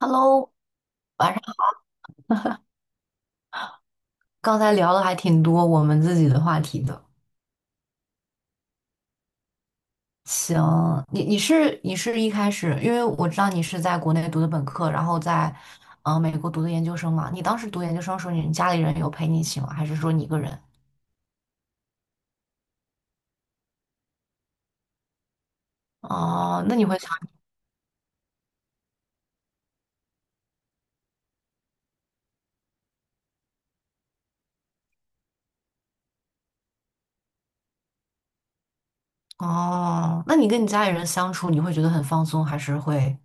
Hello，晚上刚才聊的还挺多我们自己的话题的。行，你是一开始，因为我知道你是在国内读的本科，然后在美国读的研究生嘛。你当时读研究生的时候，你家里人有陪你一起吗？还是说你一个人？哦，那你会想，哦，那你跟你家里人相处，你会觉得很放松，还是会？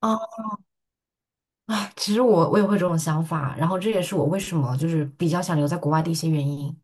啊，其实我也会这种想法，然后这也是我为什么就是比较想留在国外的一些原因。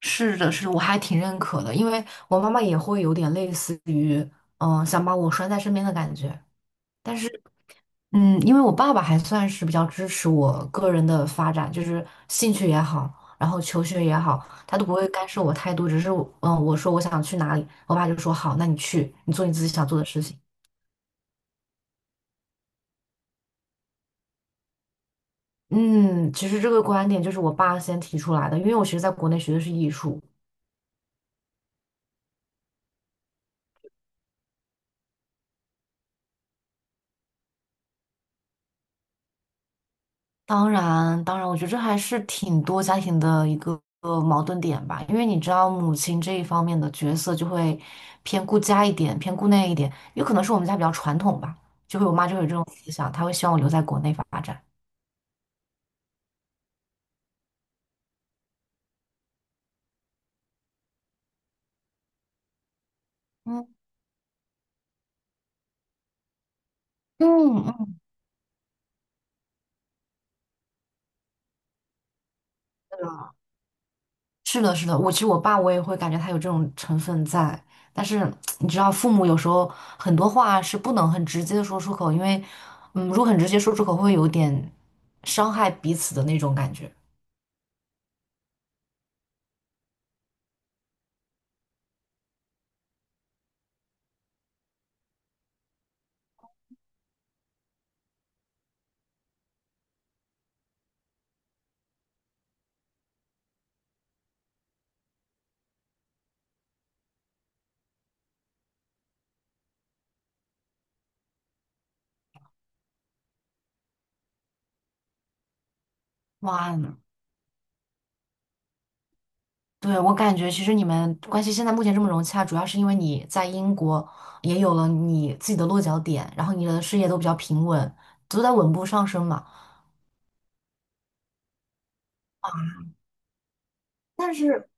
是的，是的我还挺认可的，因为我妈妈也会有点类似于，想把我拴在身边的感觉。但是，嗯，因为我爸爸还算是比较支持我个人的发展，就是兴趣也好，然后求学也好，他都不会干涉我太多，只是我嗯，我说我想去哪里，我爸就说好，那你去，你做你自己想做的事情。嗯，其实这个观点就是我爸先提出来的，因为我其实在国内学的是艺术。当然，当然，我觉得这还是挺多家庭的一个矛盾点吧，因为你知道母亲这一方面的角色就会偏顾家一点，偏顾那一点，有可能是我们家比较传统吧，我妈就会有这种思想，她会希望我留在国内发展。嗯，嗯嗯，是的，是的，我其实我爸我也会感觉他有这种成分在，但是你知道，父母有时候很多话是不能很直接的说出口，因为嗯，如果很直接说出口，会有点伤害彼此的那种感觉。哇，对，我感觉其实你们关系现在目前这么融洽，主要是因为你在英国也有了你自己的落脚点，然后你的事业都比较平稳，都在稳步上升嘛。但是，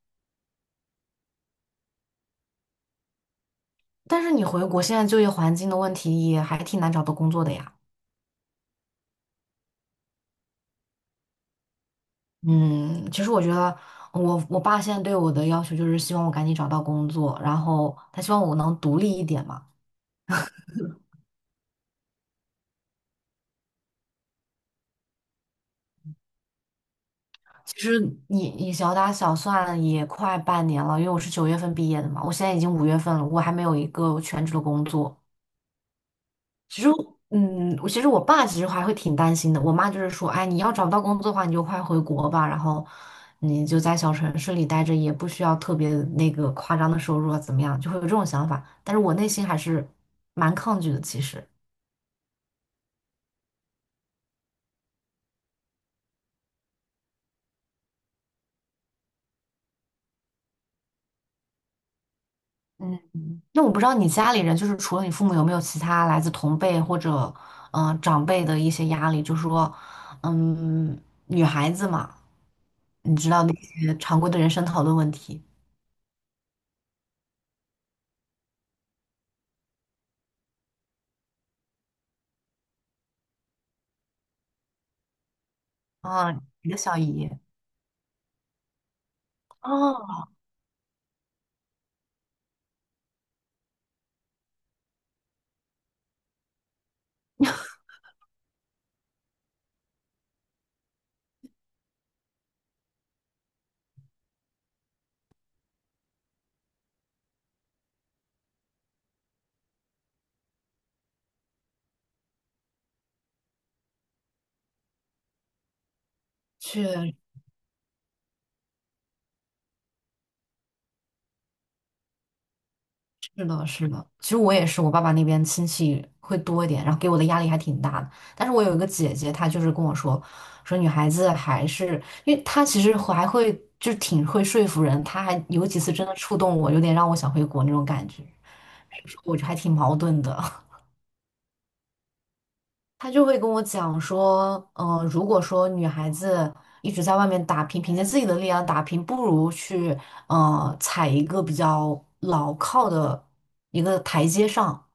但是你回国现在就业环境的问题也还挺难找到工作的呀。嗯，其实我觉得我爸现在对我的要求就是希望我赶紧找到工作，然后他希望我能独立一点嘛。其实你小打小算也快半年了，因为我是九月份毕业的嘛，我现在已经五月份了，我还没有一个全职的工作。其实嗯，我爸其实还会挺担心的。我妈就是说，哎，你要找不到工作的话，你就快回国吧，然后你就在小城市里待着，也不需要特别那个夸张的收入啊，怎么样，就会有这种想法。但是我内心还是蛮抗拒的，其实。嗯。那我不知道你家里人，就是除了你父母，有没有其他来自同辈或者长辈的一些压力？就说，嗯，女孩子嘛，你知道那些常规的人生讨论问题啊，你的小姨。啊，去。是的，是的。其实我也是，我爸爸那边亲戚会多一点，然后给我的压力还挺大的。但是我有一个姐姐，她就是跟我说，说女孩子还是，因为她其实还会挺会说服人，她还有几次真的触动我，有点让我想回国那种感觉。我就还挺矛盾的。她就会跟我讲说，如果说女孩子一直在外面打拼，凭借自己的力量打拼，不如去，踩一个比较牢靠的一个台阶上。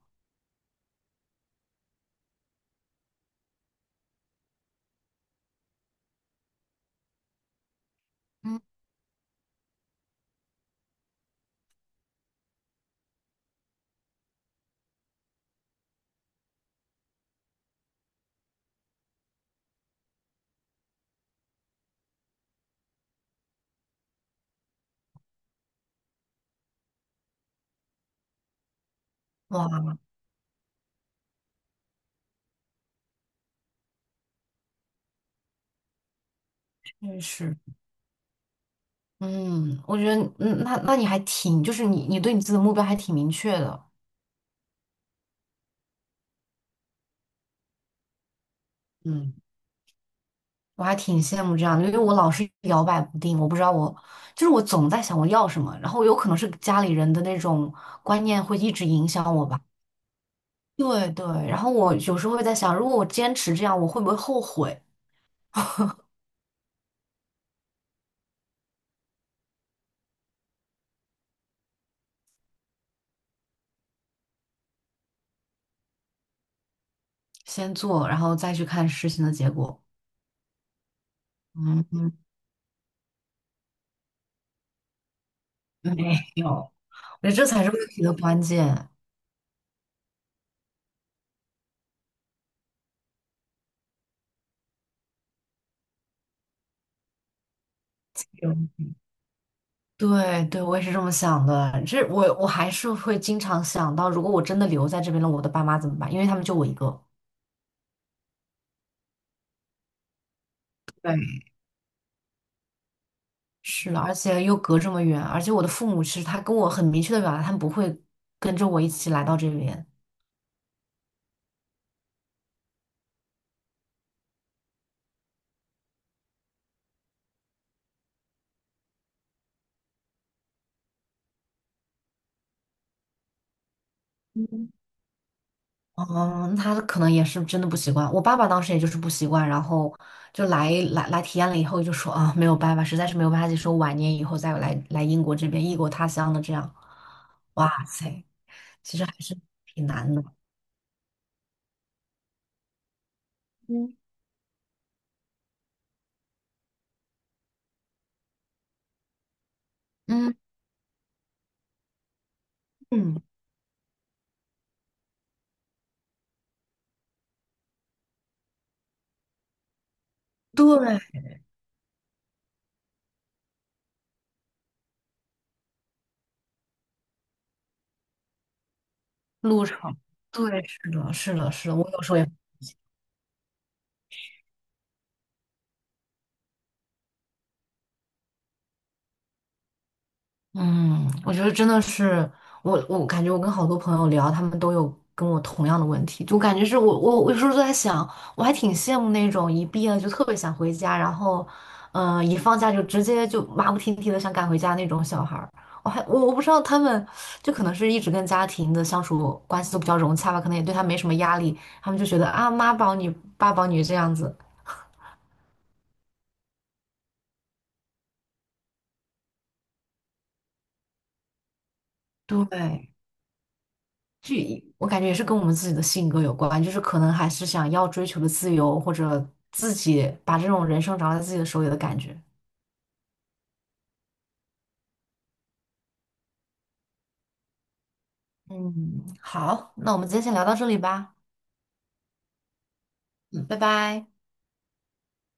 哇，确实，嗯，我觉得，嗯，那你还挺，就是你对你自己的目标还挺明确的，嗯，我还挺羡慕这样的，因为我老是摇摆不定，我不知道我，就是我总在想我要什么，然后有可能是家里人的那种观念会一直影响我吧，对对，然后我有时候会在想，如果我坚持这样，我会不会后悔？先做，然后再去看事情的结果。嗯，没有，我觉得这才是问题的关键。对对，我也是这么想的。这我还是会经常想到，如果我真的留在这边了，我的爸妈怎么办？因为他们就我一个。对，是的，而且又隔这么远，而且我的父母其实他跟我很明确的表达，他们不会跟着我一起来到这边。嗯，嗯，他可能也是真的不习惯。我爸爸当时也就是不习惯，然后就来体验了以后就说啊，没有办法，实在是没有办法接受，晚年以后再来英国这边异国他乡的这样。哇塞，其实还是挺难的。嗯，嗯。嗯，对，路程，对，是的，是的，是的，我有时候也，嗯，我觉得真的是，我感觉我跟好多朋友聊，他们都有跟我同样的问题，就感觉是我有时候都在想，我还挺羡慕那种一毕业就特别想回家，然后，一放假就直接就马不停蹄的想赶回家那种小孩儿。我还我我不知道他们，就可能是一直跟家庭的相处关系都比较融洽吧，可能也对他没什么压力，他们就觉得啊妈宝女爸宝女这样子，对。这我感觉也是跟我们自己的性格有关，就是可能还是想要追求的自由，或者自己把这种人生掌握在自己的手里的感觉。嗯，好，那我们今天先聊到这里吧，嗯，拜拜。